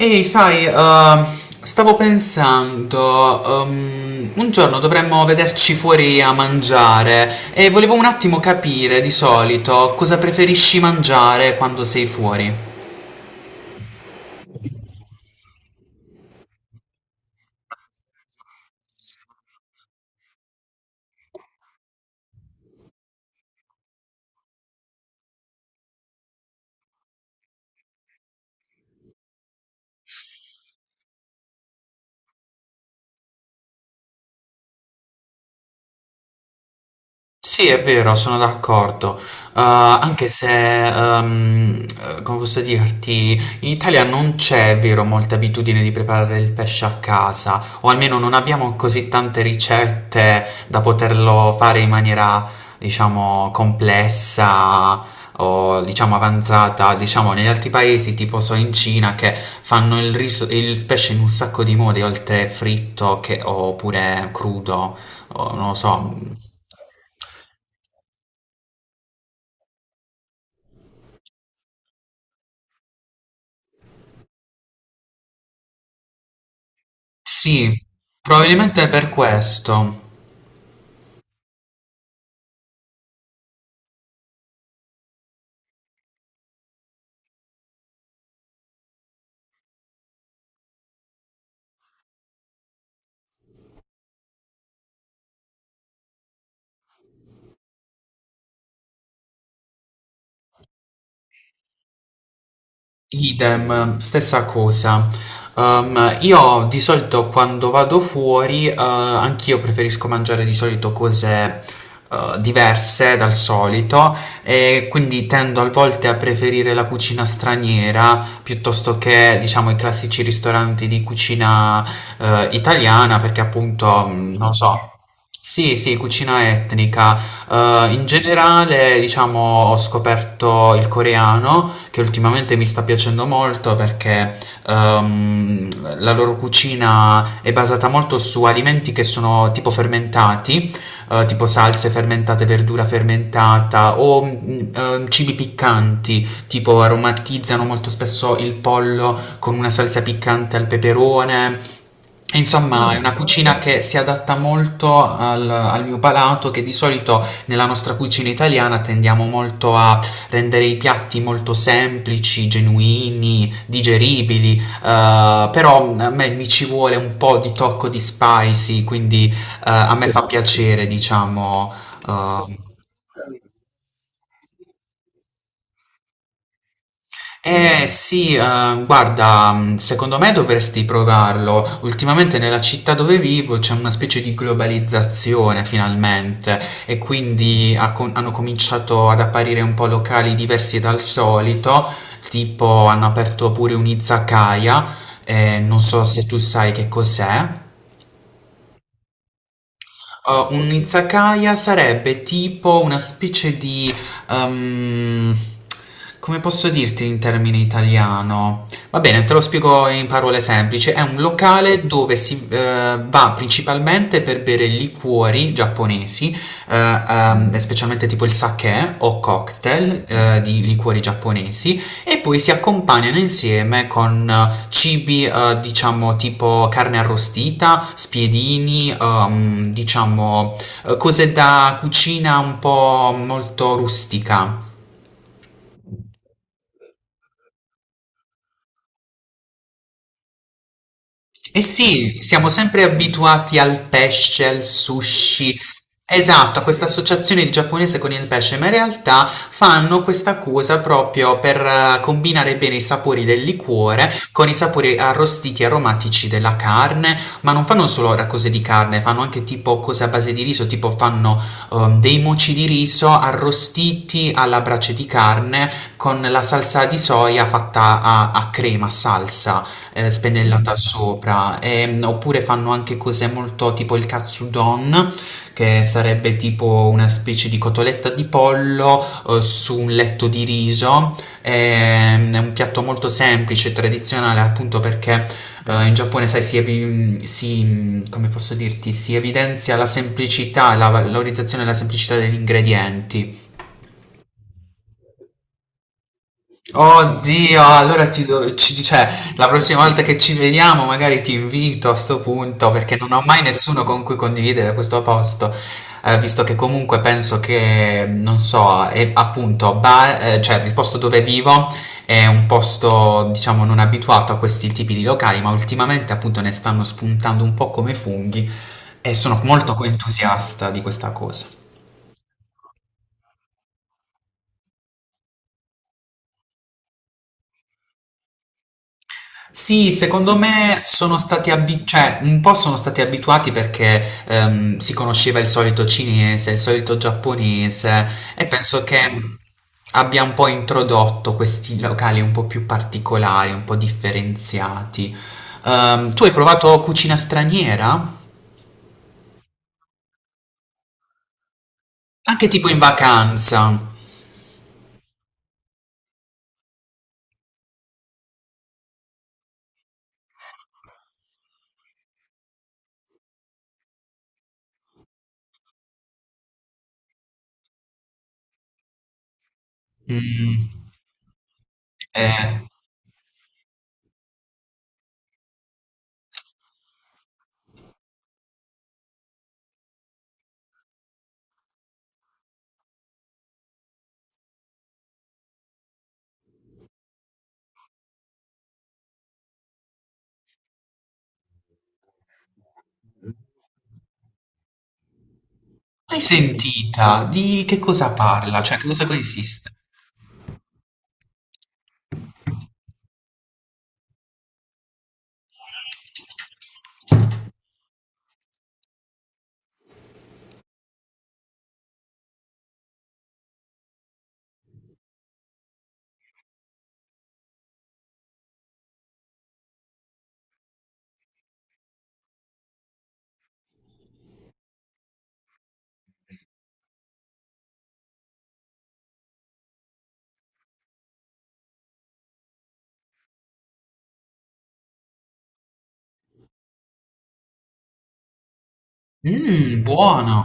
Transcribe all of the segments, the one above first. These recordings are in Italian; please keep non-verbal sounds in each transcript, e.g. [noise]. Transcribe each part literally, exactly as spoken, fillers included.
Ehi, sai, eh, stavo pensando, ehm, un giorno dovremmo vederci fuori a mangiare e volevo un attimo capire di solito cosa preferisci mangiare quando sei fuori. Sì, è vero, sono d'accordo. Uhm, anche se, uhm, uhm, come posso dirti, in Italia non c'è, è vero, molta abitudine di preparare il pesce a casa, o almeno non abbiamo così tante ricette da poterlo fare in maniera, diciamo, complessa o diciamo avanzata. Diciamo, negli altri paesi, tipo so in Cina, che fanno il riso il pesce in un sacco di modi, oltre fritto che oppure crudo, o non lo so, mhmm. Sì, probabilmente è per questo. Idem, stessa cosa. Ehm, io di solito quando vado fuori, eh, anch'io preferisco mangiare di solito cose, eh, diverse dal solito e quindi tendo a volte a preferire la cucina straniera piuttosto che, diciamo, i classici ristoranti di cucina, eh, italiana perché appunto, mh, non so. Sì, sì, cucina etnica. Eh, in generale, diciamo, ho scoperto il coreano che ultimamente mi sta piacendo molto perché ehm, la loro cucina è basata molto su alimenti che sono tipo fermentati, eh, tipo salse fermentate, verdura fermentata o mm, ehm, cibi piccanti, tipo aromatizzano molto spesso il pollo con una salsa piccante al peperone. Insomma, è una cucina che si adatta molto al, al mio palato, che di solito nella nostra cucina italiana tendiamo molto a rendere i piatti molto semplici, genuini, digeribili, eh, però a me mi ci vuole un po' di tocco di spicy, quindi eh, a me fa piacere, diciamo. eh, Eh sì, eh, guarda, mh, secondo me dovresti provarlo. Ultimamente nella città dove vivo c'è una specie di globalizzazione finalmente e quindi ha con- hanno cominciato ad apparire un po' locali diversi dal solito, tipo hanno aperto pure un izakaya, eh, non so se tu sai che cos'è. Uh, un izakaya sarebbe tipo una specie di... ehm, come posso dirti in termini italiano? Va bene, te lo spiego in parole semplici. È un locale dove si eh, va principalmente per bere liquori giapponesi, eh, ehm, specialmente tipo il sake eh, o cocktail eh, di liquori giapponesi, e poi si accompagnano insieme con cibi eh, diciamo tipo carne arrostita, spiedini, ehm, diciamo eh, cose da cucina un po' molto rustica. Eh sì, siamo sempre abituati al pesce, al sushi. Esatto, a questa associazione di giapponese con il pesce, ma in realtà fanno questa cosa proprio per eh, combinare bene i sapori del liquore con i sapori arrostiti e aromatici della carne, ma non fanno solo ora cose di carne, fanno anche tipo cose a base di riso, tipo fanno ehm, dei moci di riso arrostiti alla brace di carne con la salsa di soia fatta a, a crema, salsa eh, spennellata sopra. Ehm, oppure fanno anche cose molto tipo il katsudon, che sarebbe tipo una specie di cotoletta di pollo eh, su un letto di riso. Ehm, è un piatto molto semplice, tradizionale, appunto perché eh, in Giappone, sai, si, evi- mm, si- mm, come posso dirti, si evidenzia la semplicità, la valorizzazione e la semplicità degli ingredienti. Oddio, allora ci, do- ci- cioè, la prossima volta che ci vediamo magari ti invito a sto punto perché non ho mai nessuno con cui condividere questo posto, eh, visto che comunque penso che, non so, è appunto, ba- eh, cioè, il posto dove vivo è un posto, diciamo, non abituato a questi tipi di locali, ma ultimamente appunto ne stanno spuntando un po' come funghi e sono molto entusiasta di questa cosa. Sì, secondo me sono stati abi cioè un po' sono stati abituati perché, ehm, si conosceva il solito cinese, il solito giapponese e penso che mh, abbia un po' introdotto questi locali un po' più particolari, un po' differenziati. Ehm, tu hai provato cucina straniera? Anche tipo in vacanza? Mm, eh, mai sentita? Di che cosa parla? Cioè, che cosa consiste? Mmm, buono.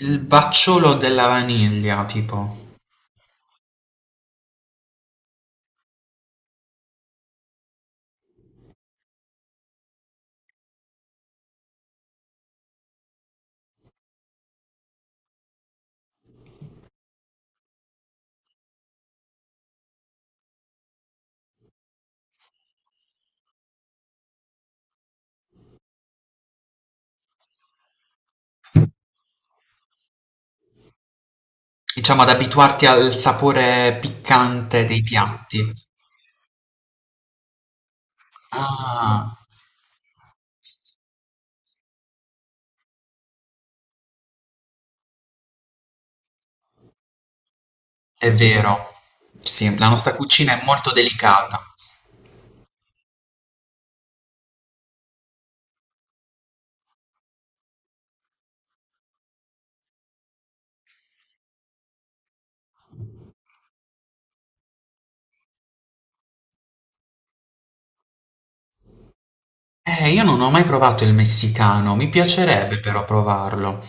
Il "Bacciolo della vaniglia", tipo. Diciamo ad abituarti al sapore piccante dei piatti. Ah, è vero. Sì, la nostra cucina è molto delicata. Eh, io non ho mai provato il messicano, mi piacerebbe però provarlo.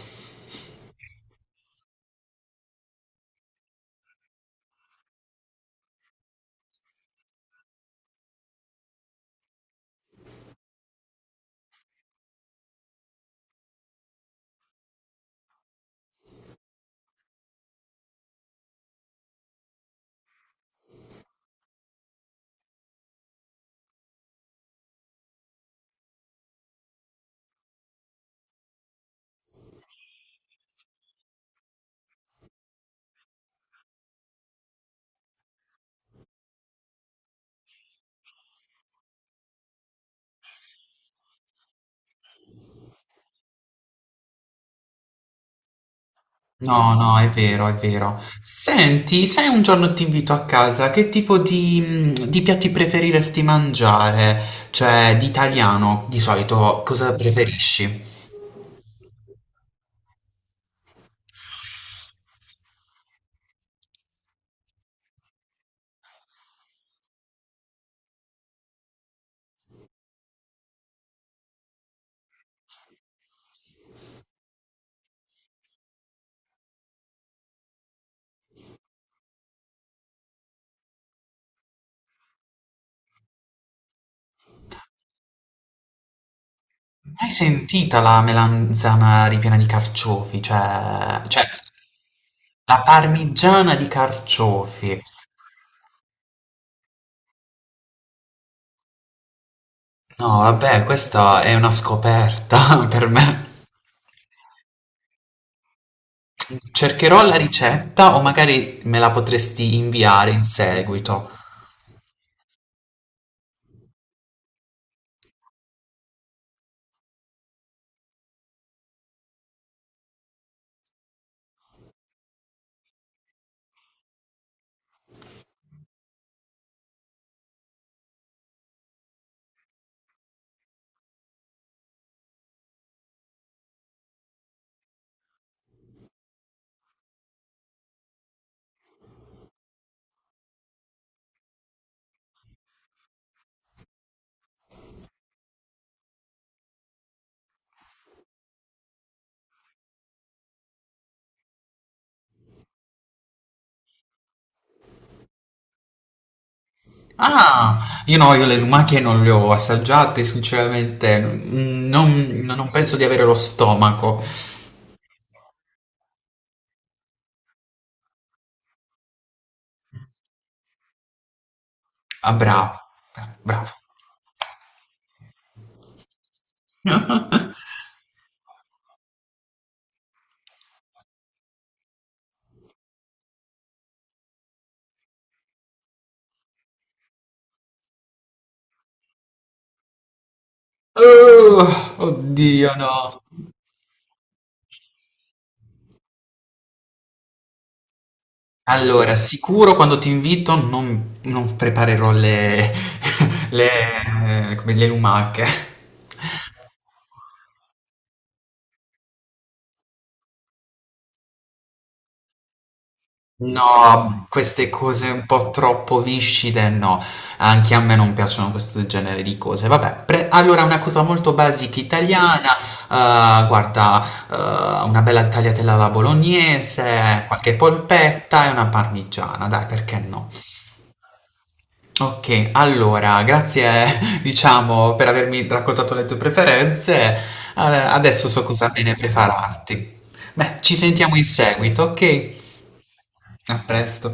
No, no, è vero, è vero. Senti, se un giorno ti invito a casa, che tipo di, mm, di piatti preferiresti mangiare? Cioè, di italiano, di solito, cosa preferisci? Hai sentita la melanzana ripiena di carciofi? Cioè, cioè, la parmigiana di carciofi. No, vabbè, questa è una scoperta [laughs] per me. Cercherò la ricetta o magari me la potresti inviare in seguito. Ah, io no, io le lumache non le ho assaggiate, sinceramente, mm, non, non penso di avere lo stomaco. Ah, bravo, bravo. Oh, oddio, no. Allora, sicuro quando ti invito non non preparerò le [laughs] le eh, come le lumache. No, queste cose un po' troppo viscide no, anche a me non piacciono questo genere di cose. Vabbè, pre allora una cosa molto basic italiana, uhm, guarda, uhm, una bella tagliatella alla bolognese, qualche polpetta e una parmigiana, dai, perché no? Ok, allora, grazie, [laughs] diciamo, per avermi raccontato le tue preferenze. Eh, adesso so cosa bene prepararti. Beh, ci sentiamo in seguito, ok? A presto.